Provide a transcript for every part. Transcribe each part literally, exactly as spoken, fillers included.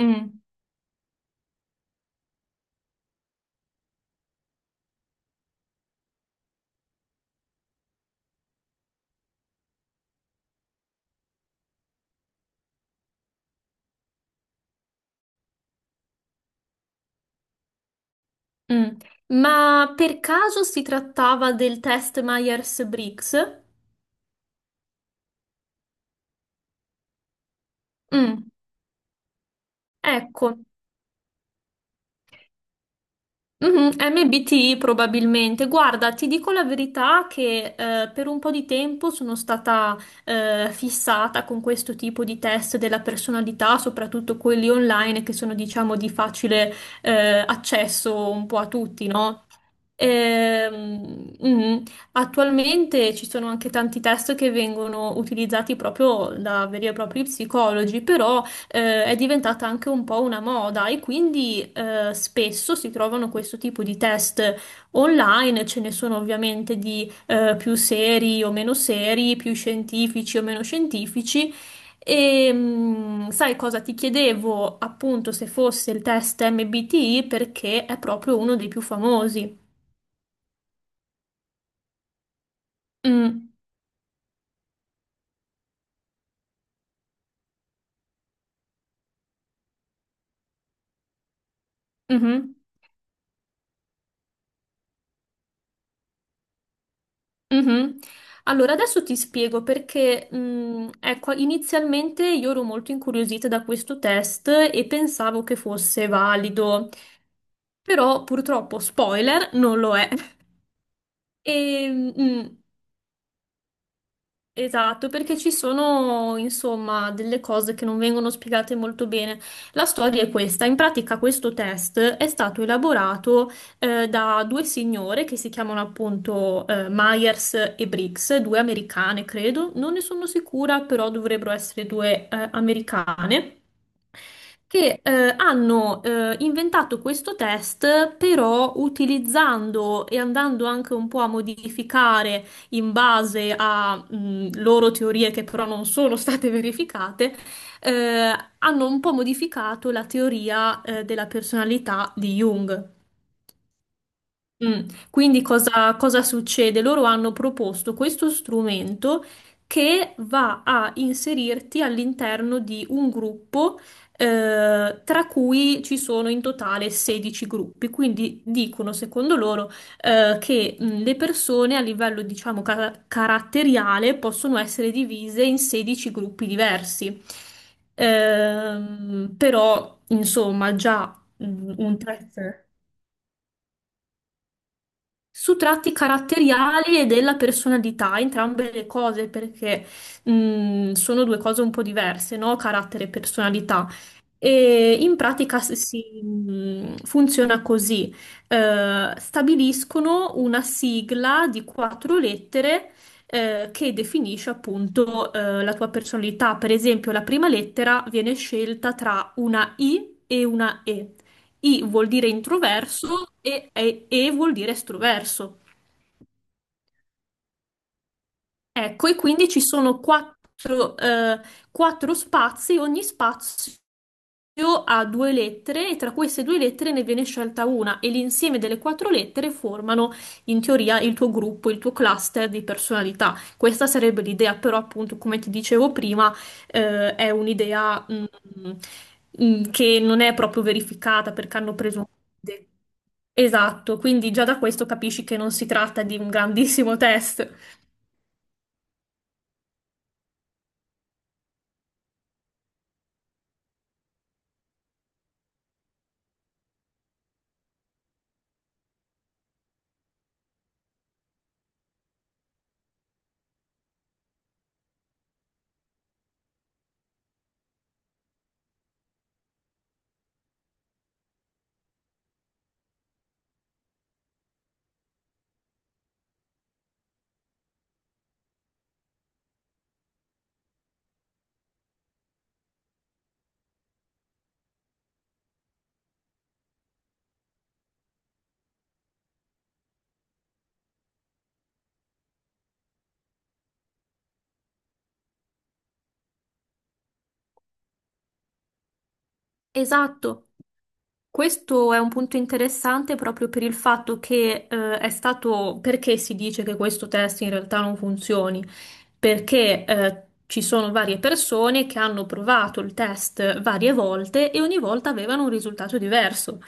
Mm, mm. Ma per caso si trattava del test Myers-Briggs? Mm, ecco, mhm. M B T I probabilmente. Guarda, ti dico la verità che eh, per un po' di tempo sono stata eh, fissata con questo tipo di test della personalità, soprattutto quelli online che sono, diciamo, di facile eh, accesso un po' a tutti, no? Ehm, mm, Attualmente ci sono anche tanti test che vengono utilizzati proprio da veri e propri psicologi, però eh, è diventata anche un po' una moda e quindi eh, spesso si trovano questo tipo di test online, ce ne sono ovviamente di eh, più seri o meno seri, più scientifici o meno scientifici. E mm, sai cosa ti chiedevo appunto se fosse il test M B T I perché è proprio uno dei più famosi. Mm, mhm, mhm. Allora, adesso ti spiego perché, mm, ecco, inizialmente io ero molto incuriosita da questo test e pensavo che fosse valido, però purtroppo, spoiler, non lo è. E, mm, Esatto, perché ci sono, insomma, delle cose che non vengono spiegate molto bene. La storia è questa. In pratica questo test è stato elaborato eh, da due signore che si chiamano appunto eh, Myers e Briggs, due americane, credo. Non ne sono sicura, però dovrebbero essere due eh, americane che eh, hanno eh, inventato questo test, però utilizzando e andando anche un po' a modificare in base a mh, loro teorie che però non sono state verificate, eh, hanno un po' modificato la teoria eh, della personalità di Jung. Mm, Quindi cosa, cosa succede? Loro hanno proposto questo strumento che va a inserirti all'interno di un gruppo, eh, tra cui ci sono in totale sedici gruppi. Quindi dicono, secondo loro, eh, che mm, le persone a livello, diciamo, ca- caratteriale possono essere divise in sedici gruppi diversi. Ehm, però, insomma, già mm, un terzo su tratti caratteriali e della personalità, entrambe le cose, perché mh, sono due cose un po' diverse, no? Carattere e personalità. E in pratica si, si, mh, funziona così: Eh, stabiliscono una sigla di quattro lettere. Eh, che definisce appunto eh, la tua personalità. Per esempio, la prima lettera viene scelta tra una I e una E. I vuol dire introverso e, e- e vuol dire estroverso. Ecco, e quindi ci sono quattro, eh, quattro spazi, ogni spazio ha due lettere e tra queste due lettere ne viene scelta una e l'insieme delle quattro lettere formano in teoria il tuo gruppo, il tuo cluster di personalità. Questa sarebbe l'idea, però appunto, come ti dicevo prima, eh, è un'idea mm, mm, che non è proprio verificata perché hanno preso un. Esatto, quindi già da questo capisci che non si tratta di un grandissimo test. Esatto. Questo è un punto interessante proprio per il fatto che eh, è stato perché si dice che questo test in realtà non funzioni? Perché eh, ci sono varie persone che hanno provato il test varie volte e ogni volta avevano un risultato diverso.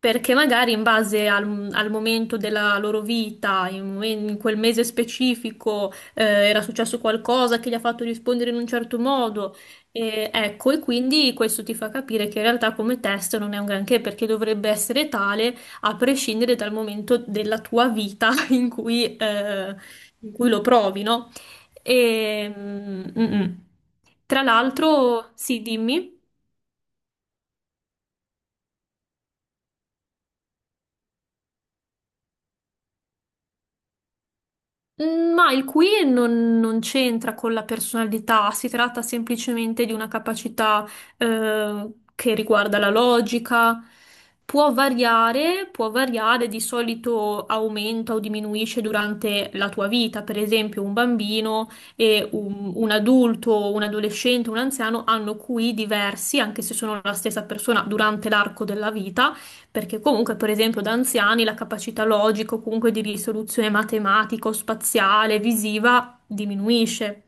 Perché magari in base al, al momento della loro vita, in, momen- in quel mese specifico, eh, era successo qualcosa che li ha fatto rispondere in un certo modo. E, ecco, e quindi questo ti fa capire che in realtà come test non è un granché perché dovrebbe essere tale a prescindere dal momento della tua vita in cui, eh, in cui lo provi, no? E, mm, mm. Tra l'altro, sì, dimmi. Mm, Ma il qui non, non c'entra con la personalità, si tratta semplicemente di una capacità eh, che riguarda la logica. Può variare, può variare, di solito aumenta o diminuisce durante la tua vita. Per esempio, un bambino e un, un adulto, un adolescente, un anziano hanno Q I diversi, anche se sono la stessa persona durante l'arco della vita perché comunque, per esempio, da anziani la capacità logica o comunque di risoluzione matematica o spaziale, visiva, diminuisce.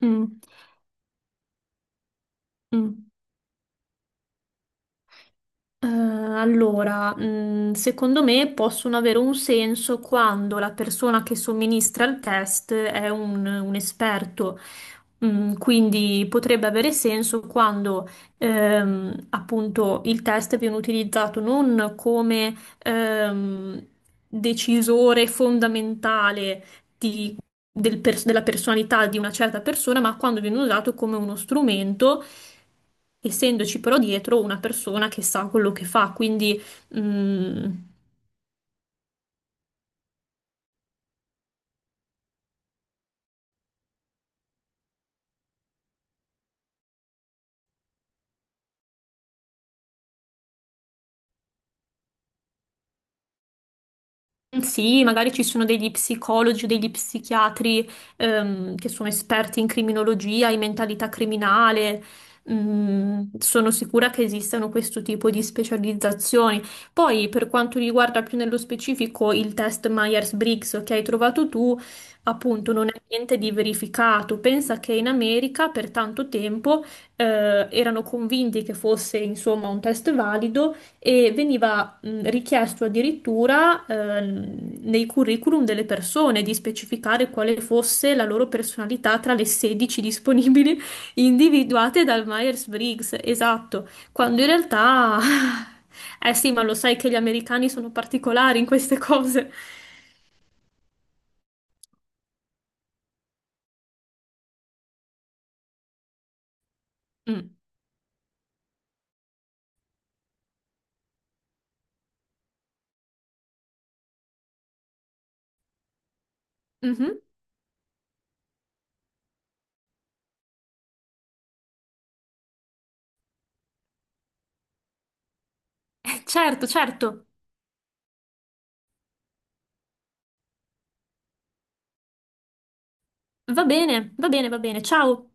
Mm, mm. Eh, allora, mh, secondo me possono avere un senso quando la persona che somministra il test è un, un esperto. Mm, quindi potrebbe avere senso quando ehm, appunto il test viene utilizzato non come ehm, decisore fondamentale di- del pers- della personalità di una certa persona, ma quando viene usato come uno strumento essendoci però dietro una persona che sa quello che fa, quindi mm, sì, magari ci sono degli psicologi o degli psichiatri ehm, che sono esperti in criminologia, in mentalità criminale. Mm, sono sicura che esistano questo tipo di specializzazioni. Poi, per quanto riguarda più nello specifico il test Myers-Briggs che hai trovato tu, appunto, non è niente di verificato. Pensa che in America per tanto tempo eh, erano convinti che fosse, insomma, un test valido e veniva mh, richiesto addirittura ehm, nei curriculum delle persone di specificare quale fosse la loro personalità tra le sedici disponibili individuate dal Myers-Briggs, esatto, quando in realtà. Eh sì, ma lo sai che gli americani sono particolari in queste cose. Mm. Mhm. Eh, certo, certo. Va bene, va bene, va bene. Ciao.